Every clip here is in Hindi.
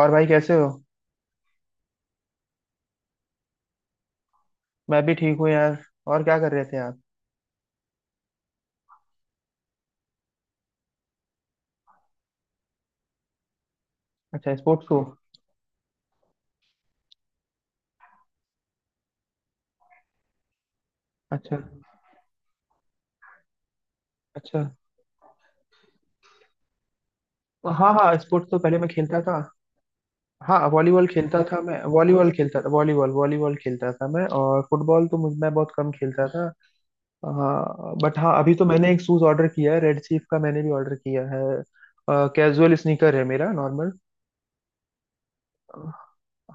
और भाई कैसे हो। मैं भी ठीक हूँ यार। और क्या कर रहे थे आप। अच्छा, स्पोर्ट्स को। अच्छा। अच्छा। हाँ हाँ, स्पोर्ट्स तो पहले मैं खेलता था। हाँ, वॉलीबॉल खेलता था मैं, वॉलीबॉल खेलता था, वॉलीबॉल वॉलीबॉल खेलता था मैं। और फुटबॉल तो मुझ मैं बहुत कम खेलता था। हाँ बट हाँ, अभी तो मैंने एक शूज ऑर्डर किया है, रेड चीफ का मैंने भी ऑर्डर किया है। कैजुअल स्नीकर है मेरा, नॉर्मल।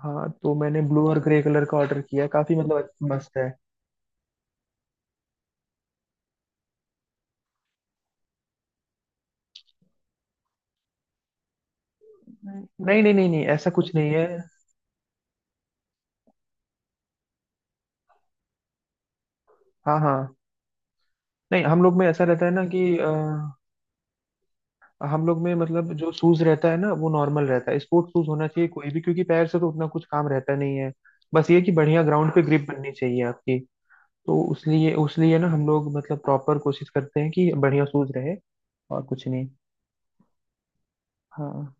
हाँ तो मैंने ब्लू और ग्रे कलर का ऑर्डर किया है, काफी मतलब मस्त है। नहीं नहीं नहीं नहीं, ऐसा कुछ नहीं है। हाँ हाँ। नहीं, हम लोग में ऐसा रहता है ना कि हम लोग में मतलब जो शूज रहता है ना वो नॉर्मल रहता है, स्पोर्ट्स शूज होना चाहिए कोई भी, क्योंकि पैर से तो उतना कुछ काम रहता नहीं है। बस ये कि बढ़िया ग्राउंड पे ग्रिप बननी चाहिए आपकी। तो उसलिए उसलिए ना हम लोग मतलब प्रॉपर कोशिश करते हैं कि बढ़िया शूज रहे। और कुछ नहीं। हाँ।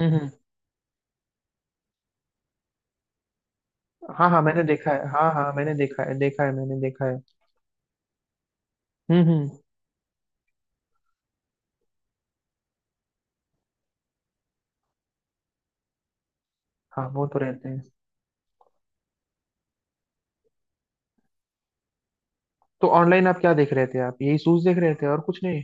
हम्म हम्म। हाँ हाँ मैंने देखा है, हाँ हाँ मैंने देखा है, देखा है, मैंने देखा है। हम्म। हाँ, वो तो रहते हैं। तो ऑनलाइन आप क्या देख रहे थे, आप यही शूज देख रहे थे और कुछ नहीं।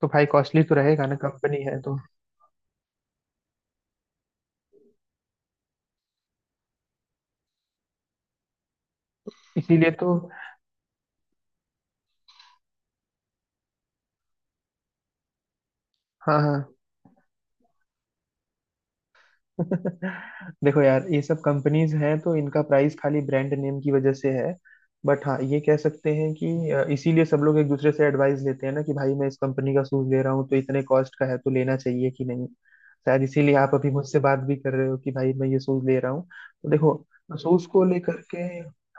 तो भाई कॉस्टली तो रहेगा ना, कंपनी है तो। इसीलिए तो। हाँ हाँ। देखो यार, ये सब कंपनीज हैं तो इनका प्राइस खाली ब्रांड नेम की वजह से है। बट हाँ, ये कह सकते हैं कि इसीलिए सब लोग एक दूसरे से एडवाइस लेते हैं ना कि भाई मैं इस कंपनी का शूज ले रहा हूँ तो इतने कॉस्ट का है तो लेना चाहिए कि नहीं। शायद इसीलिए आप अभी मुझसे बात भी कर रहे हो कि भाई मैं ये शूज ले रहा हूँ। तो देखो, शूज को लेकर के।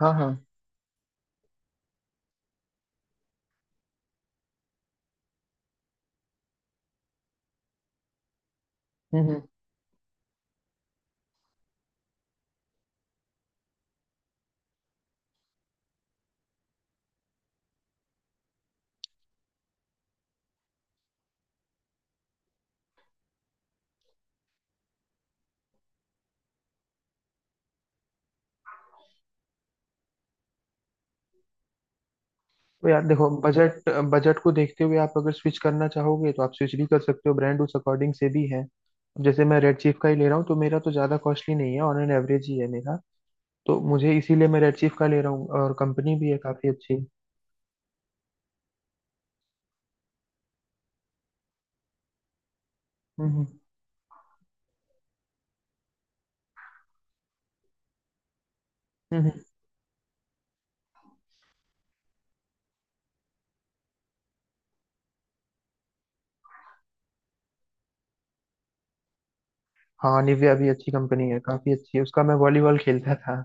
हाँ हाँ। हम्म। तो यार देखो, बजट बजट को देखते हुए आप अगर स्विच करना चाहोगे तो आप स्विच भी कर सकते हो, ब्रांड उस अकॉर्डिंग से भी है। अब जैसे मैं रेड चीफ का ही ले रहा हूँ तो मेरा तो ज़्यादा कॉस्टली नहीं है, ऑन एन एवरेज ही है मेरा। तो मुझे इसीलिए मैं रेड चीफ का ले रहा हूँ, और कंपनी भी है काफ़ी अच्छी। हम्म हम्म हम्म, हम्म। हाँ, निविया भी अच्छी कंपनी है, काफ़ी अच्छी है उसका, मैं वॉलीबॉल खेलता था।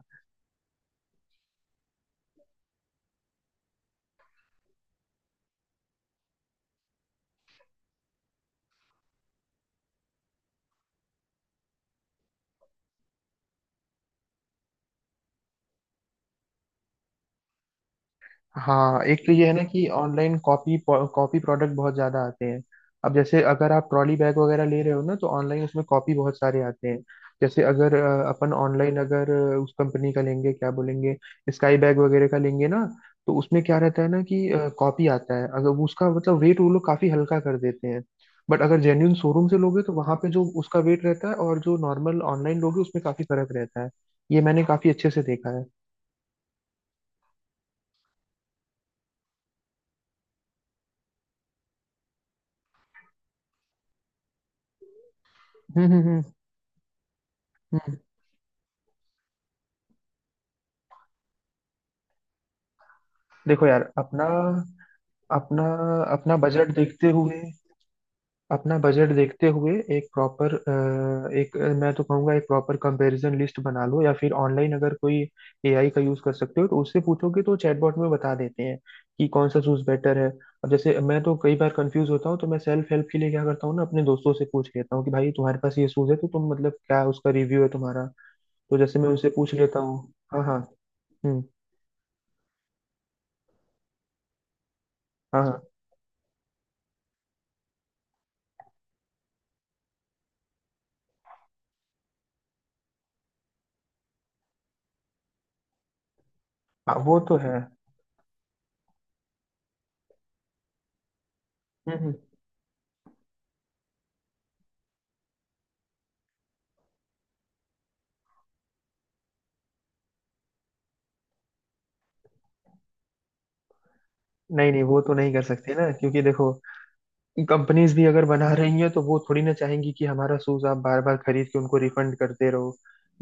हाँ, एक तो ये है ना कि ऑनलाइन कॉपी कॉपी प्रोडक्ट बहुत ज्यादा आते हैं। अब जैसे अगर आप ट्रॉली बैग वगैरह ले रहे हो ना, तो ऑनलाइन उसमें कॉपी बहुत सारे आते हैं। जैसे अगर अपन ऑनलाइन अगर उस कंपनी का लेंगे, क्या बोलेंगे, स्काई बैग वगैरह का लेंगे ना, तो उसमें क्या रहता है ना कि कॉपी आता है, अगर वो उसका मतलब वेट वो लोग काफी हल्का कर देते हैं। बट अगर जेन्यून शोरूम से लोगे तो वहां पे जो उसका वेट रहता है और जो नॉर्मल ऑनलाइन लोगे उसमें काफी फर्क रहता है। ये मैंने काफी अच्छे से देखा है। हम्म। हम्म। देखो यार, अपना अपना अपना बजट देखते हुए एक प्रॉपर एक अ, मैं तो कहूँगा एक प्रॉपर कंपैरिजन लिस्ट बना लो, या फिर ऑनलाइन अगर कोई एआई का यूज़ कर सकते हो तो उससे पूछोगे तो चैटबॉट में बता देते हैं कि कौन सा शूज़ बेटर है। अब जैसे मैं तो कई बार कंफ्यूज होता हूँ तो मैं सेल्फ हेल्प के लिए क्या करता हूँ ना, अपने दोस्तों से पूछ लेता हूँ कि भाई तुम्हारे पास ये शूज़ है तो तुम मतलब क्या उसका रिव्यू है तुम्हारा। तो जैसे मैं उनसे पूछ लेता हूँ। हाँ हाँ। हम्म। हाँ हाँ। हाँ, वो तो है। हम्म हम्म। नहीं नहीं, वो तो नहीं कर सकते ना, क्योंकि देखो, कंपनीज भी अगर बना रही हैं तो वो थोड़ी ना चाहेंगी कि हमारा शूज आप बार बार खरीद के उनको रिफंड करते रहो।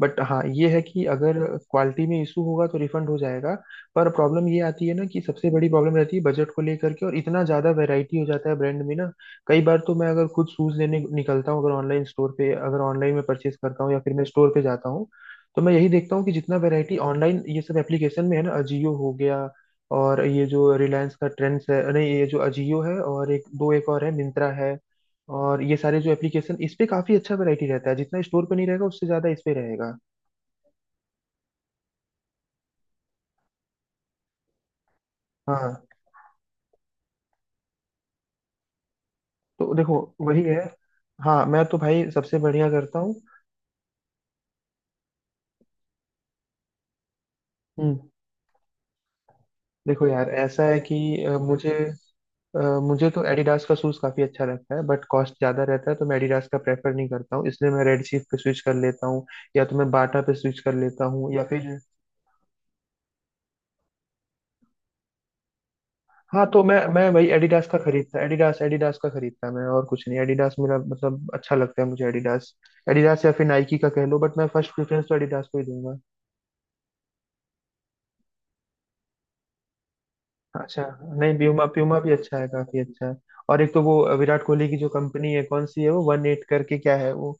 बट हाँ ये है कि अगर क्वालिटी में इशू होगा तो रिफंड हो जाएगा। पर प्रॉब्लम ये आती है ना कि सबसे बड़ी प्रॉब्लम रहती है बजट को लेकर के, और इतना ज्यादा वैरायटी हो जाता है ब्रांड में ना। कई बार तो मैं अगर खुद शूज लेने निकलता हूँ, अगर ऑनलाइन स्टोर पे, अगर ऑनलाइन में परचेज करता हूँ या फिर मैं स्टोर पे जाता हूँ, तो मैं यही देखता हूँ कि जितना वैरायटी ऑनलाइन ये सब एप्लीकेशन में है ना, अजियो हो गया, और ये जो रिलायंस का ट्रेंड्स है, नहीं, ये जो अजियो है और एक दो, एक और है, मिंत्रा है, और ये सारे जो एप्लीकेशन इस पे काफी अच्छा वैरायटी रहता है, जितना स्टोर पे नहीं रहेगा उससे ज्यादा इस पे रहेगा। हाँ। तो देखो, वही है। हाँ, मैं तो भाई सबसे बढ़िया करता हूँ। हम्म। देखो यार, ऐसा है कि मुझे अ, मुझे तो एडिडास का शूज काफी अच्छा लगता है, बट कॉस्ट ज्यादा रहता है तो मैं एडिडास का प्रेफर नहीं करता हूँ, इसलिए मैं रेड चीफ पे स्विच कर लेता हूँ, या तो मैं बाटा पे स्विच कर लेता हूँ, या फिर हाँ, तो मैं वही एडिडास का खरीदता, एडिडास एडिडास का खरीदता मैं, और कुछ नहीं, एडिडास मेरा मतलब अच्छा लगता है, मुझे एडिडास, एडिडास या फिर नाइकी का कह लो, बट मैं फर्स्ट प्रेफरेंस तो एडिडास को ही दूंगा। अच्छा। नहीं, प्यूमा प्यूमा भी अच्छा है, काफी अच्छा है। और एक तो वो विराट कोहली की जो कंपनी है, कौन सी है वो, वन एट करके क्या है वो,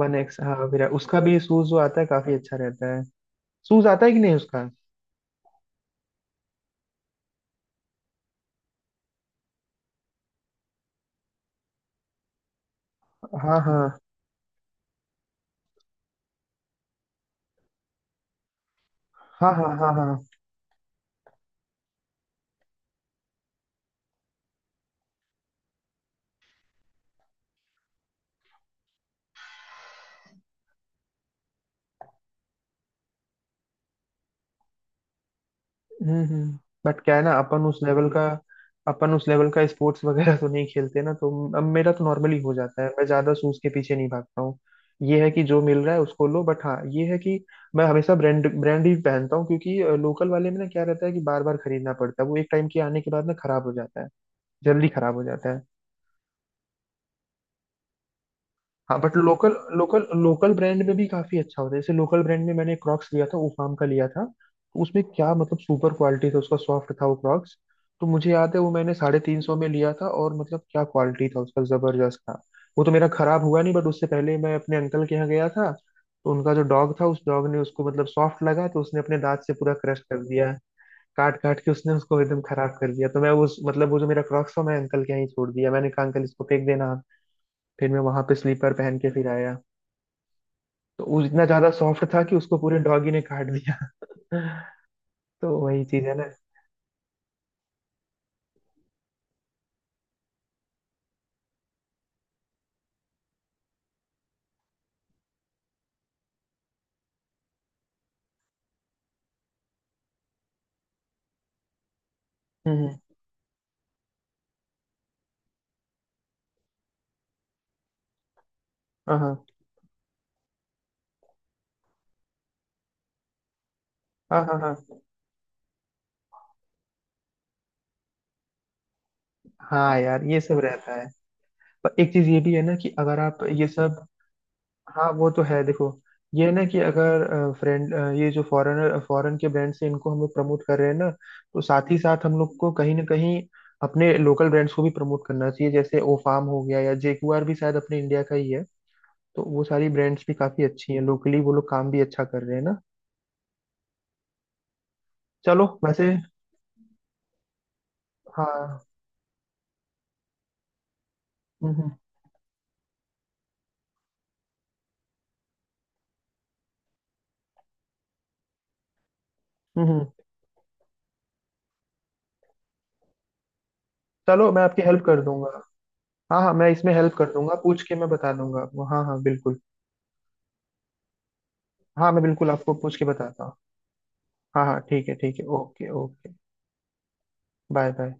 वन एक्स, हाँ विराट, उसका भी शूज जो आता है काफी अच्छा रहता है, शूज आता है कि नहीं उसका। हाँ हाँ हाँ हाँ हाँ हाँ। हम्म। बट क्या है ना, अपन उस लेवल का स्पोर्ट्स वगैरह तो नहीं खेलते ना, तो अब मेरा तो नॉर्मली हो जाता है, मैं ज्यादा सूज के पीछे नहीं भागता हूँ। ये है कि जो मिल रहा है उसको लो, बट हाँ ये है कि मैं हमेशा ब्रांड ब्रांड ही पहनता हूँ, क्योंकि लोकल वाले में ना क्या रहता है कि बार बार खरीदना पड़ता है, वो एक टाइम के आने के बाद ना खराब हो जाता है, जल्दी खराब हो जाता है। हाँ but local local local brand में भी काफी अच्छा होता है, जैसे लोकल ब्रांड में मैंने क्रॉक्स लिया था उफाम का, लिया था तो उसमें क्या मतलब सुपर क्वालिटी था, उसका सॉफ्ट था वो क्रॉक्स। तो मुझे याद है वो मैंने 350 में लिया था और मतलब क्या क्वालिटी था उसका, जबरदस्त था। वो तो मेरा खराब हुआ नहीं, बट उससे पहले मैं अपने अंकल के यहाँ गया था, तो उनका जो डॉग था, उस डॉग ने उसको मतलब सॉफ्ट लगा तो उसने अपने दांत से पूरा क्रश कर दिया, काट काट के उसने उसको एकदम खराब कर दिया, तो मैं उस मतलब वो जो मेरा क्रॉक्स था मैं अंकल के यहाँ ही छोड़ दिया, मैंने कहा अंकल इसको फेंक देना आप।" फिर मैं वहां पे स्लीपर पहन के फिर आया। तो वो इतना ज्यादा सॉफ्ट था कि उसको पूरे डॉगी ने काट दिया। तो वही चीज है ना। हम्म। हाँ हाँ हाँ हाँ हाँ। हाँ यार, ये सब रहता है। पर एक चीज ये भी है ना कि अगर आप ये सब, हाँ वो तो है, देखो, ये है ना कि अगर फ्रेंड, ये जो फॉरेन के ब्रांड से इनको हम लोग प्रमोट कर रहे हैं ना, तो साथ ही साथ हम लोग को कहीं ना कहीं अपने लोकल ब्रांड्स को भी प्रमोट करना चाहिए, जैसे ओ फार्म हो गया, या जेगुआर भी शायद अपने इंडिया का ही है, तो वो सारी ब्रांड्स भी काफी अच्छी हैं लोकली, वो लोग काम भी अच्छा कर रहे हैं ना। चलो वैसे। हाँ। हम्म हम्म। चलो मैं आपकी हेल्प कर दूंगा। हाँ हाँ मैं इसमें हेल्प कर दूंगा, पूछ के मैं बता दूंगा आपको, हाँ हाँ बिल्कुल। हाँ मैं बिल्कुल आपको पूछ के बताता हूँ। हाँ हाँ ठीक है ठीक है, ओके ओके। Bye bye.